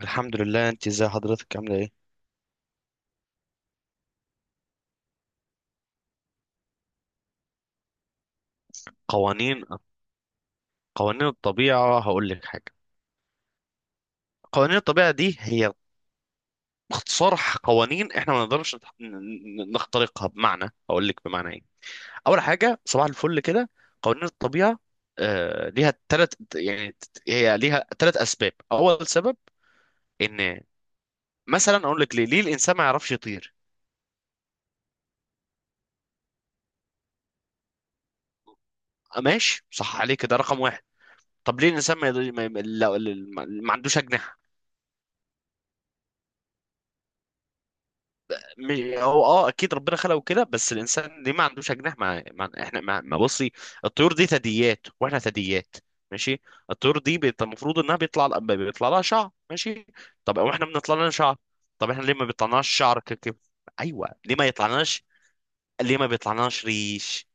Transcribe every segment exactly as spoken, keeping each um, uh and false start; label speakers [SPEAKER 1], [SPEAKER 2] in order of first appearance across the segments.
[SPEAKER 1] الحمد لله. انت ازي حضرتك، عامله ايه؟ قوانين قوانين الطبيعه، هقول لك حاجه. قوانين الطبيعه دي هي باختصار قوانين احنا ما نقدرش نتح- ن- ن- نخترقها. بمعنى، هقول لك بمعنى ايه. اول حاجه، صباح الفل كده. قوانين الطبيعه آه ليها ثلاث، يعني ت- هي ليها ثلاث اسباب. اول سبب ان، مثلا اقول لك ليه ليه الانسان ما يعرفش يطير؟ آه، ماشي، صح عليك، ده رقم واحد. طب ليه الانسان ما, يقدر- ما, ما, لا- ما عندوش اجنحه؟ مي- هو اه اكيد ربنا خلقه كده، بس الانسان ليه ما عندوش اجنحه؟ مع, مع احنا مع... ما، بصي الطيور دي ثدييات واحنا ثدييات، ماشي. الطيور دي بيت- المفروض انها بيطلع ل- بيطلع لها شعر، ماشي. طب واحنا بنطلع لنا شعر. طب احنا ليه ما بيطلعناش شعر ك... ك... ايوه، ليه ما يطلعناش؟ ليه ما بيطلعناش ريش؟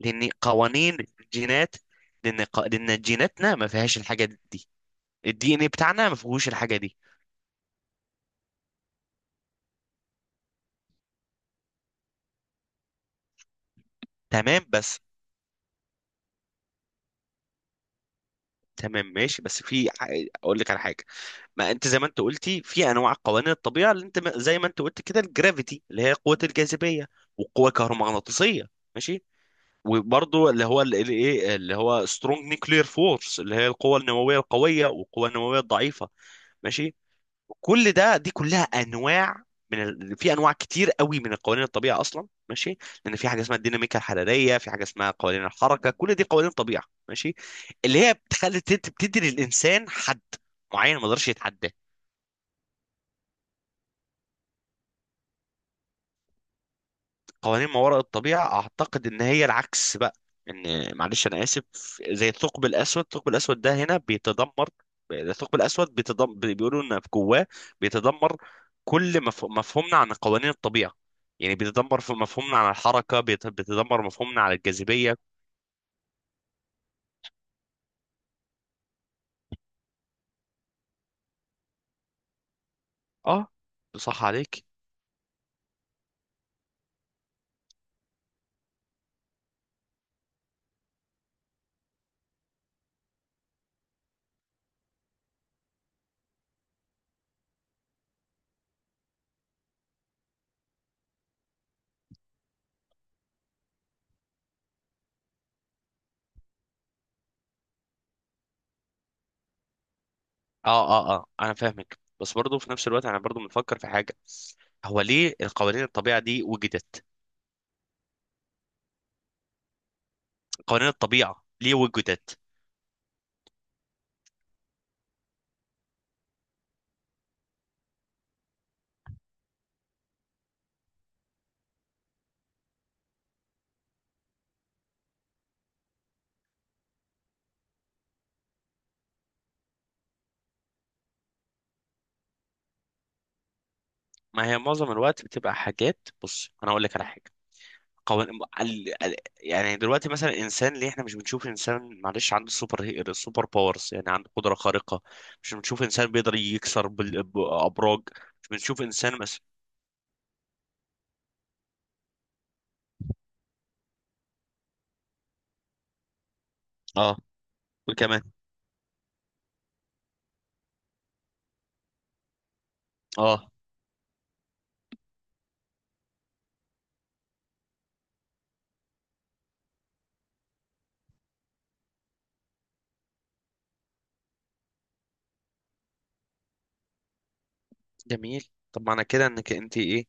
[SPEAKER 1] لان قوانين الجينات، لان ق... لان جيناتنا ما فيهاش الحاجه دي. الدي ان ايه بتاعنا ما فيهوش الحاجه دي. تمام بس تمام ماشي، بس في ح- اقول لك على حاجه. ما انت زي ما انت قلتي في انواع قوانين الطبيعه، اللي انت ما- زي ما انت قلت كده، الجرافيتي اللي هي قوه الجاذبيه، وقوه كهرومغناطيسيه، ماشي. وبرضه اللي هو ال- ال- ايه اللي هو سترونج نيوكلير فورس، اللي هي القوه النوويه القويه والقوه النوويه الضعيفه، ماشي. كل ده دي كلها انواع من ال... في انواع كتير قوي من القوانين الطبيعه اصلا، ماشي. لان في حاجه اسمها الديناميكا الحراريه، في حاجه اسمها قوانين الحركه، كل دي قوانين طبيعه، ماشي. اللي هي بتخلي بتدي بتدي للانسان حد معين ما يقدرش يتعداه. قوانين ما وراء الطبيعة أعتقد إن هي العكس بقى. إن معلش، أنا آسف. زي الثقب الأسود، الثقب الأسود ده هنا بيتدمر. الثقب الأسود بيتدمر، بيقولوا إن في جواه بيتدمر. كل مف... مفهومنا عن قوانين الطبيعة، يعني بيتدمر في مفهومنا عن الحركة، بيت... بيتدمر مفهومنا عن الجاذبية. أه، صح عليك. أه، أه، أه، أنا فاهمك، بس برضه في نفس الوقت أنا برضه بنفكر في حاجة. هو ليه القوانين الطبيعة دي وجدت؟ قوانين الطبيعة ليه وجدت؟ ما هي معظم الوقت بتبقى حاجات. بص، انا اقول لك على حاجه. قوان... ال... ال... يعني دلوقتي مثلا الانسان، ليه احنا مش بنشوف انسان، معلش، عنده سوبر هي... سوبر باورز، يعني عنده قدره خارقه؟ مش بنشوف انسان بيقدر يكسر بال... بابراج. مش بنشوف انسان مثلا. اه. وكمان. اه. جميل. طب معنى كده انك انت ايه؟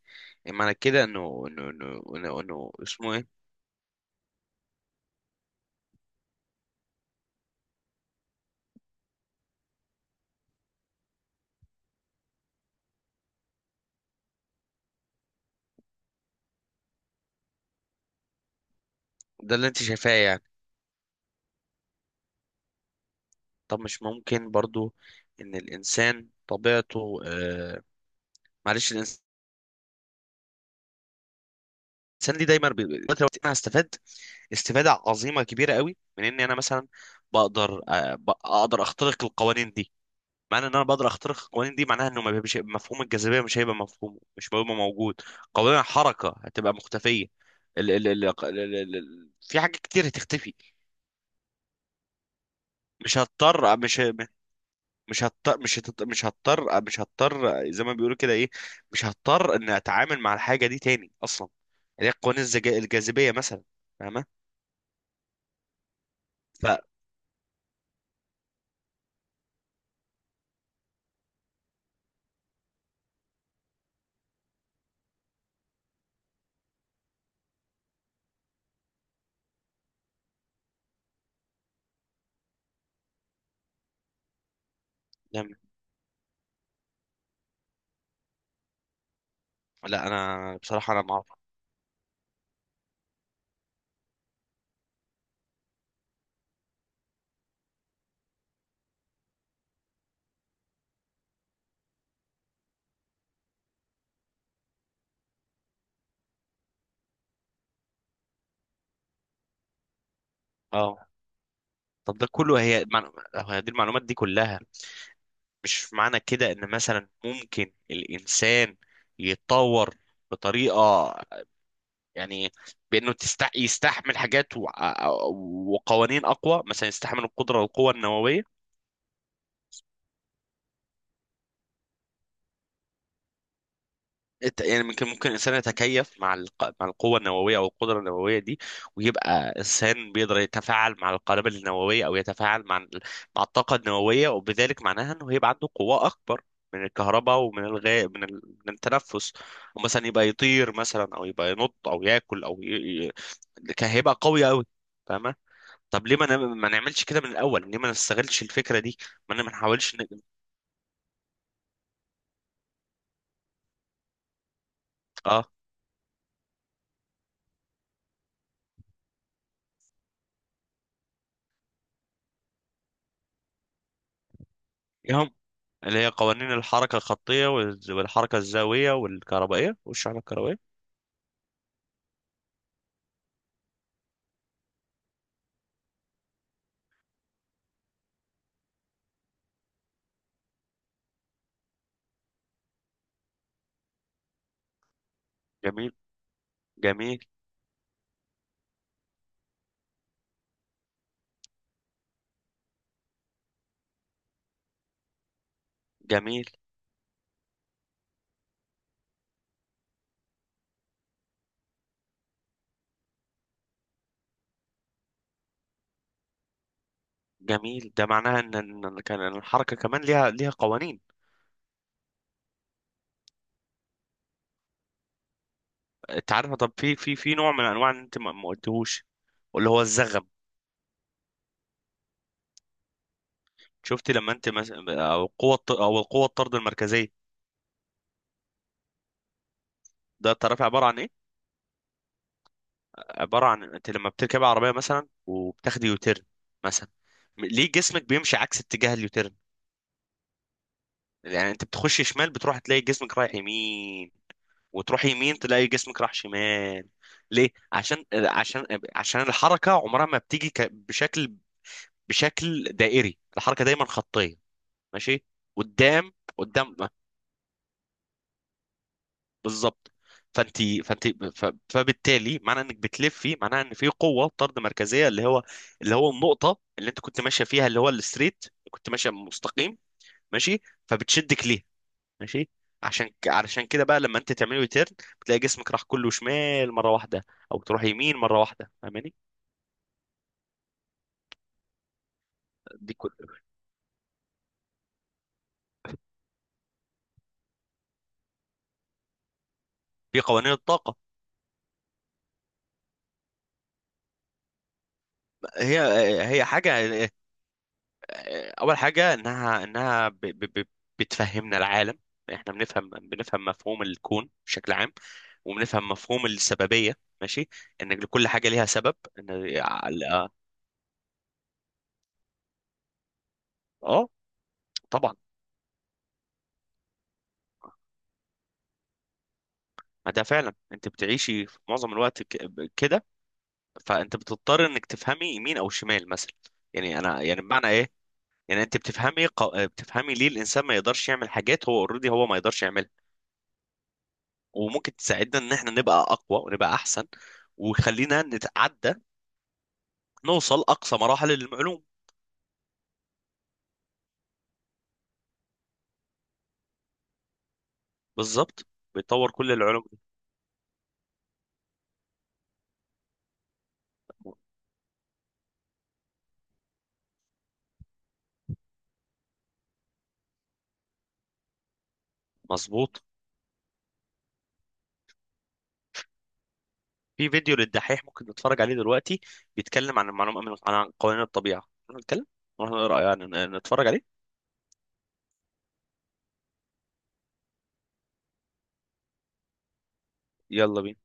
[SPEAKER 1] معنى كده انه انه انه انه إنه اسمه ايه؟ ده اللي انت شايفاه، يعني. طب مش ممكن برضو ان الانسان طبيعته آه... معلش، الانسان، الانسان ليه دايما بي- دلوقتي لو انا هستفاد استفاده عظيمه كبيره قوي من اني انا مثلا بقدر آه، ب- اقدر اخترق القوانين دي. معنى ان انا بقدر اخترق القوانين دي معناها انه ما بيبقاش مفهوم الجاذبيه، مش هيبقى مفهوم مش هيبقى موجود. قوانين الحركه هتبقى مختفيه. ال ال ال ال ال ال في حاجات كتير هتختفي. مش هضطر مش مش هضطر مش هتط- مش هضطر مش هضطر زي ما بيقولوا كده ايه. مش هضطر ان اتعامل مع الحاجه دي تاني اصلا، اللي هي قوانين الزجا- الجاذبيه مثلا. فاهمه؟ ف لا انا بصراحه انا ما اعرف. اه. طب ده كله، هي مع- هي دي المعلومات دي كلها. مش معنى كده ان مثلا ممكن الانسان يتطور بطريقه، يعني بانه تست... يستحمل حاجات و... وقوانين اقوى مثلا، يستحمل القدره والقوه النوويه. إت- يعني ممكن ممكن الانسان يتكيف مع الق... مع القوه النوويه او القدره النوويه دي، ويبقى انسان بيقدر يتفاعل مع القنابل النوويه او يتفاعل مع ال- مع الطاقه النوويه، وبذلك معناها انه هيبقى عنده قوه اكبر من الكهرباء ومن الغاء من, ال... من التنفس، ومثلا يبقى يطير مثلا او يبقى ينط او ياكل او ي... ي... كان هيبقى قوي قوي. فاهمه؟ طب ليه ما, ن... ما نعملش كده من الاول؟ ليه ما نستغلش الفكره دي؟ ما ن- ما نحاولش ن... اه. اللي هي قوانين الحركة الخطية والز- والحركة الزاوية والكهربائية والشعلة الكهربائية. جميل. جميل. جميل. جميل، ده معناها ان إن- إن كان إن الحركة كمان ليها ليها قوانين. انت عارفة؟ طب في في في نوع من انواع ان انت ما ما قلتهوش، واللي هو الزغم. شفتي لما انت مس... او القوة الط- او القوة الطرد المركزية، ده تعرفي عبارة عن ايه؟ عبارة عن انت لما بتركبي عربية مثلا وبتاخدي يوتيرن مثلا، م- ليه جسمك بيمشي عكس اتجاه اليوتيرن؟ يعني انت بتخش شمال بتروح تلاقي جسمك رايح يمين، وتروح يمين تلاقي جسمك راح شمال. ليه؟ عشان عشان عشان الحركه عمرها ما بتيجي ك- بشكل بشكل دائري. الحركه دايما خطيه، ماشي، قدام قدام. بالظبط. فانت فانت ف- فبالتالي معنى انك بتلفي معناها ان في قوه طرد مركزيه، اللي هو اللي هو النقطه اللي انت كنت ماشيه فيها اللي هو الستريت، كنت ماشيه مستقيم، ماشي. فبتشدك ليها، ماشي. عشان ك- علشان كده بقى لما انت تعمله يترن، بتلاقي جسمك راح كله شمال مره واحده، او تروح يمين مره واحده. فاهماني؟ دي كل دي قوانين الطاقه. هي هي حاجه، اول حاجه انها، انها ب... ب... ب... بتفهمنا العالم. احنا بنفهم بنفهم مفهوم الكون بشكل عام، وبنفهم مفهوم السببيه، ماشي، ان لكل حاجه ليها سبب ان اه. طبعا. ما ده فعلا، انت بتعيشي في معظم الوقت ك- كده. فانت بتضطر انك تفهمي يمين او شمال مثلا. يعني انا، يعني بمعنى ايه؟ يعني انت بتفهمي ق- بتفهمي ليه الانسان ما يقدرش يعمل حاجات هو اوريدي هو ما يقدرش يعملها. وممكن تساعدنا ان احنا نبقى اقوى ونبقى احسن، ويخلينا نتعدى، نوصل اقصى مراحل المعلوم. بالظبط. بيتطور كل العلوم. مظبوط. في فيديو للدحيح، ممكن نتفرج عليه دلوقتي، بيتكلم عن المعلومه عن عن قوانين الطبيعه. نروح نتكلم، نروح نقرا يعني، نتفرج عليه. يلا بينا.